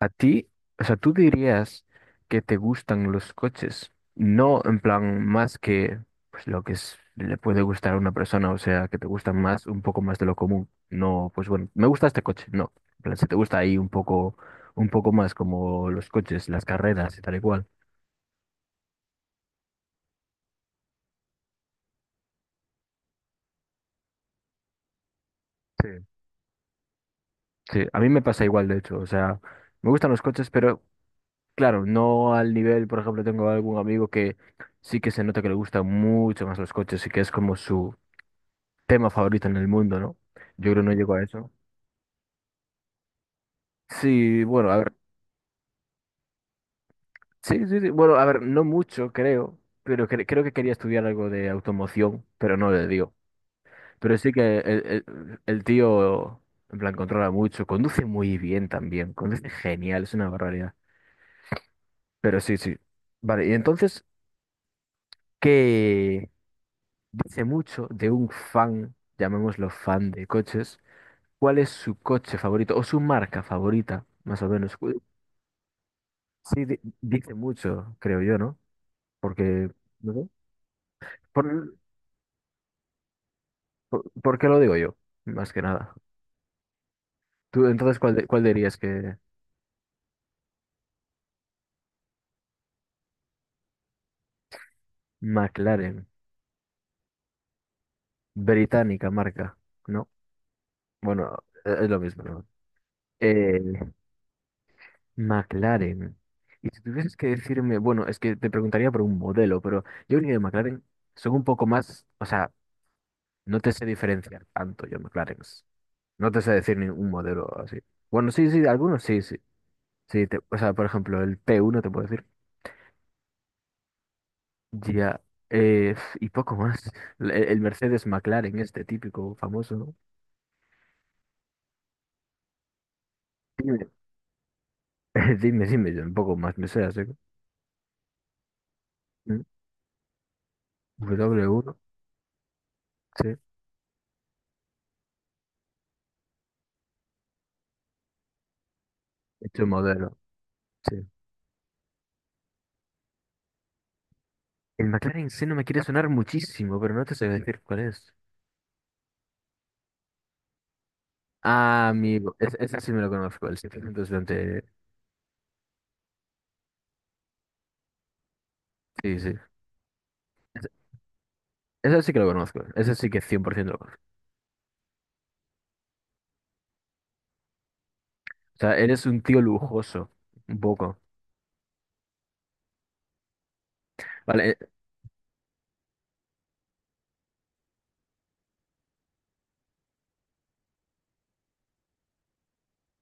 A ti, o sea, tú dirías que te gustan los coches, no en plan más que pues, le puede gustar a una persona, o sea, que te gustan más, un poco más de lo común. No, pues bueno, me gusta este coche, no. En plan, si te gusta ahí un poco más como los coches, las carreras y tal y cual. Sí. Sí, a mí me pasa igual, de hecho, o sea, me gustan los coches, pero claro, no al nivel, por ejemplo, tengo algún amigo que sí que se nota que le gustan mucho más los coches y que es como su tema favorito en el mundo, ¿no? Yo creo que no llego a eso. Sí, bueno, a ver, sí, sí, sí, bueno, a ver, no mucho, creo, pero creo que quería estudiar algo de automoción, pero no le dio. Pero sí que el tío, en plan, controla mucho, conduce muy bien también, conduce genial, es una barbaridad. Pero sí, sí. Vale, y entonces, ¿qué dice mucho de un fan, llamémoslo fan de coches? ¿Cuál es su coche favorito o su marca favorita, más o menos? Sí, dice mucho, creo yo, ¿no? Porque, no sé, ¿por, por qué lo digo yo? Más que nada. Tú, entonces, ¿cuál dirías que McLaren, británica marca, ¿no? Bueno, es lo mismo, ¿no? Eh, McLaren. Y si tuvieses que decirme, bueno, es que te preguntaría por un modelo, pero yo diría que McLaren son un poco más, o sea, no te sé diferenciar tanto yo, McLaren. No te sé decir ningún modelo así. Bueno, sí, sí, algunos sí, sí. Sí, o sea, por ejemplo, el P1 te puedo decir ya, eh, y poco más. El Mercedes McLaren, este típico, famoso, ¿no? Dime. Dime, dime, yo un poco más me sé, así que, ¿mm? W1, sí, este modelo, sí. El McLaren sí no me quiere sonar muchísimo, pero no te sé decir cuál es. Ah, amigo, ese sí me lo conozco, el 720, sí, sí. Ese ese sí que lo conozco, ese sí que 100% lo conozco. O sea, eres un tío lujoso, un poco. Vale,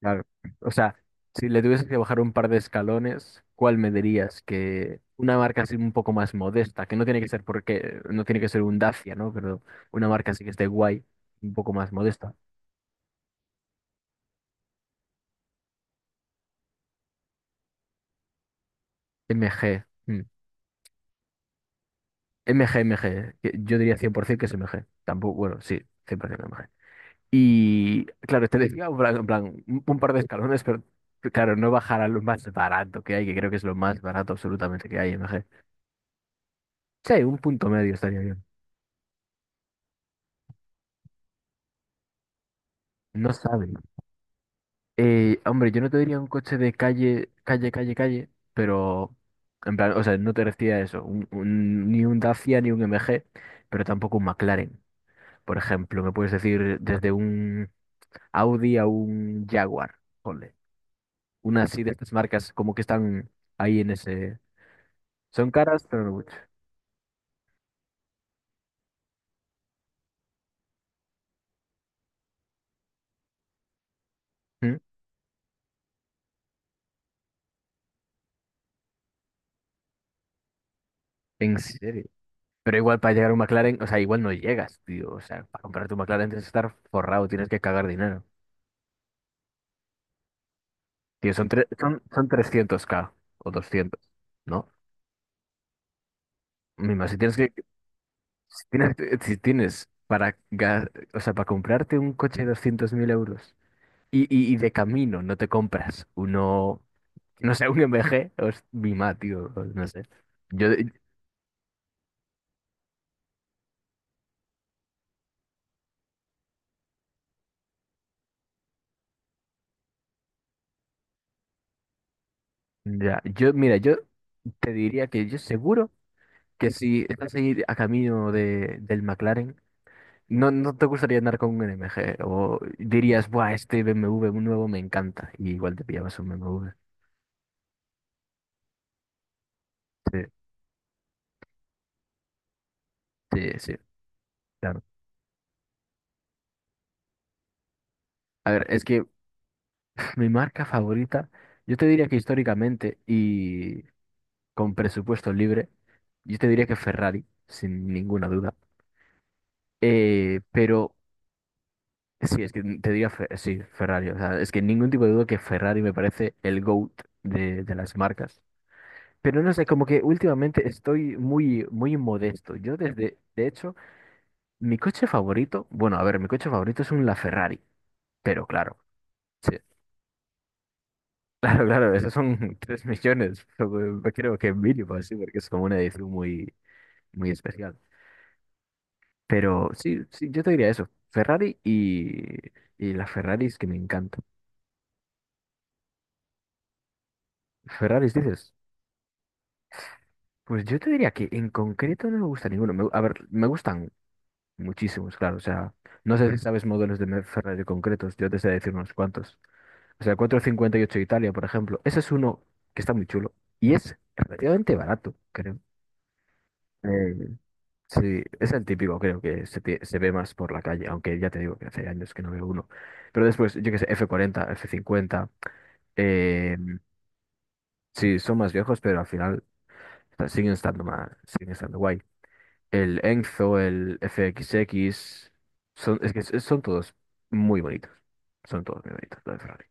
claro. O sea, si le tuvieses que bajar un par de escalones, ¿cuál me dirías? Que una marca así un poco más modesta, que no tiene que ser porque, no tiene que ser un Dacia, ¿no? Pero una marca así que esté guay, un poco más modesta. M G, mm. MG, MG. Que yo diría 100% que es M G. Tampoco, bueno, sí, 100% M G. Y claro, te decía en plan, un par de escalones, pero claro, no bajar a lo más barato que hay, que creo que es lo más barato absolutamente que hay, M G. Sí, un punto medio estaría bien. No sabe. Hombre, yo no te diría un coche de calle, calle, calle, calle, pero en plan, o sea, no te decía eso, ni un Dacia ni un M G, pero tampoco un McLaren. Por ejemplo, me puedes decir desde un Audi a un Jaguar, ponle. Una así de estas marcas como que están ahí en ese. Son caras, pero no mucho. ¿Mm? En serio. Pero igual para llegar a un McLaren, o sea, igual no llegas, tío. O sea, para comprarte un McLaren tienes que estar forrado, tienes que cagar dinero. Tío, son 300k o doscientos, ¿no? Mima, si tienes, si tienes para, o sea, para comprarte un coche de 200.000 euros y, y de camino no te compras uno, no sé, un M G, o es mima, tío, o no sé. Yo, ya, mira, yo te diría que yo seguro que si estás ahí a camino de, del McLaren, no, no te gustaría andar con un MG o dirías, buah, este BMW nuevo me encanta y igual te pillabas un BMW. Sí, sí, sí, claro. A ver, es que mi marca favorita, yo te diría que históricamente y con presupuesto libre, yo te diría que Ferrari, sin ninguna duda. Pero sí, es que te diría, sí, Ferrari. O sea, es que ningún tipo de duda que Ferrari me parece el GOAT de las marcas. Pero no sé, como que últimamente estoy muy, muy modesto. De hecho, mi coche favorito, bueno, a ver, mi coche favorito es un LaFerrari, pero claro. Sí. Claro, claro, esos son 3 millones, pero, creo que mínimo así, porque es como una edición muy, muy especial. Pero sí, sí, yo te diría eso, Ferrari y las Ferraris que me encantan. Ferraris dices, pues yo te diría que en concreto no me gusta ninguno. A ver, me gustan muchísimos, claro, o sea, no sé si sabes modelos de Ferrari concretos, yo te sé decir unos cuantos. O sea, 458 Italia, por ejemplo, ese es uno que está muy chulo y es relativamente barato, creo. Sí, es el típico, creo que se ve más por la calle, aunque ya te digo que hace años que no veo uno. Pero después, yo qué sé, F40, F50, eh, sí, son más viejos, pero al final o sea, siguen estando más, siguen estando guay. El Enzo, el FXX, son, es que son todos muy bonitos, son todos muy bonitos, los de Ferrari.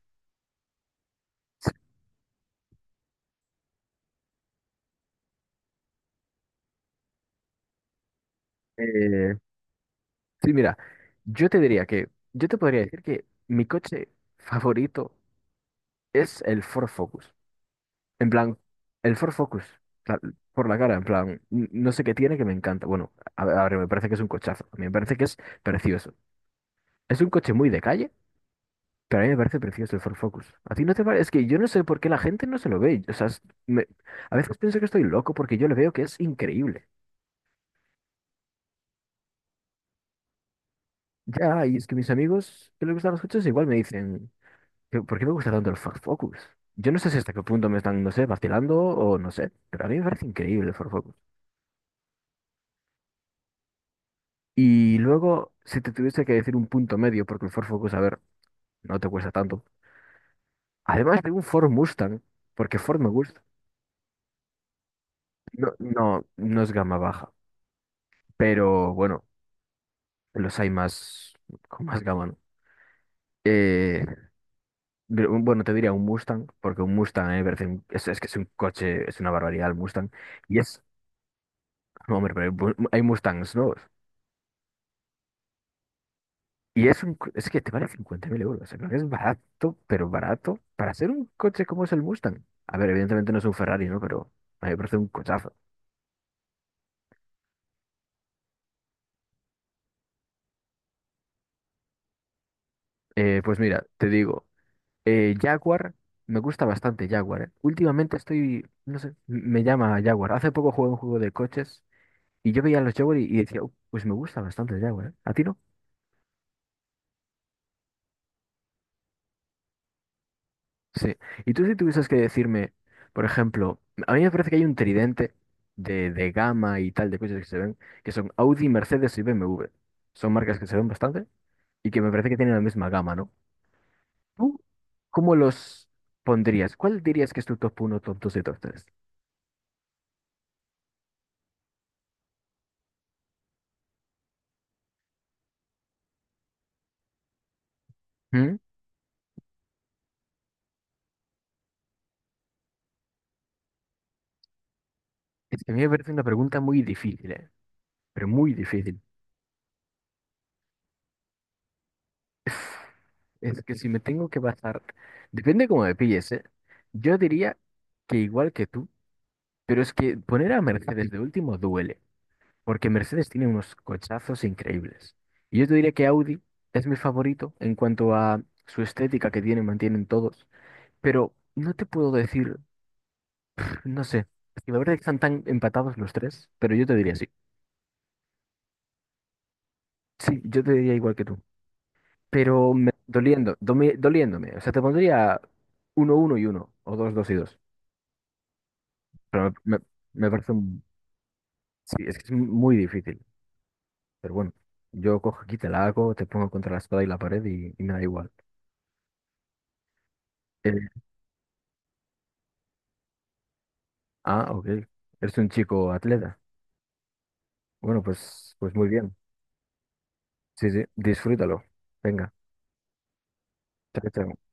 Eh, sí, mira, yo te diría que, yo te podría decir que mi coche favorito es el Ford Focus. En plan, el Ford Focus, la- por la cara, en plan, no sé qué tiene que me encanta. Bueno, a ver, me parece que es un cochazo. A mí me parece que es precioso. Es un coche muy de calle, pero a mí me parece precioso el Ford Focus. ¿A ti no te parece? Es que yo no sé por qué la gente no se lo ve. O sea, a veces pienso que estoy loco porque yo le veo que es increíble. Ya, y es que mis amigos que les gustan los coches igual me dicen: "¿Pero por qué me gusta tanto el Ford Focus?" Yo no sé si hasta qué punto me están, no sé, vacilando o no sé, pero a mí me parece increíble el Ford Focus. Y luego, si te tuviese que decir un punto medio, porque el Ford Focus, a ver, no te cuesta tanto. Además de un Ford Mustang, porque Ford me gusta. No, no, no es gama baja, pero bueno, los hay más, con más gama, ¿no? Eh, pero, bueno, te diría un Mustang, porque un Mustang, me parece es que es un coche, es una barbaridad el Mustang. Y es, hombre, pero hay hay Mustangs, ¿no? Y es, un, es que te vale 50.000 euros. O sea, creo que es barato, pero barato para hacer un coche como es el Mustang. A ver, evidentemente no es un Ferrari, ¿no? Pero a mí me parece un cochazo. Pues mira, te digo, Jaguar, me gusta bastante Jaguar, ¿eh? Últimamente estoy, no sé, me llama Jaguar. Hace poco jugué un juego de coches y yo veía los Jaguar y decía: pues me gusta bastante el Jaguar, ¿eh? ¿A ti no?" Sí. Y tú si tuvieses que decirme, por ejemplo, a mí me parece que hay un tridente de gama y tal de coches que se ven, que son Audi, Mercedes y BMW. Son marcas que se ven bastante y que me parece que tienen la misma gama, ¿no? ¿Tú cómo los pondrías? ¿Cuál dirías que es tu top 1, top dos y top 3? Es que a mí me parece una pregunta muy difícil, ¿eh? Pero muy difícil. Es que si me tengo que basar, depende cómo me pilles, ¿eh? Yo diría que igual que tú. Pero es que poner a Mercedes de último duele, porque Mercedes tiene unos cochazos increíbles. Y yo te diré que Audi es mi favorito en cuanto a su estética que tienen, mantienen todos. Pero no te puedo decir, no sé, es que la verdad es que están tan empatados los tres, pero yo te diría sí. Sí, yo te diría igual que tú. Pero doliendo, doliéndome. O sea, te pondría uno uno y uno o dos dos y dos. Pero me parece un. Sí, es que es muy difícil. Pero bueno, yo cojo aquí, te la hago, te pongo contra la espada y la pared y me da igual. Eh, ah, ok. Eres un chico atleta. Bueno, pues, pues muy bien. Sí, sí, disfrútalo. Venga, chao, chao.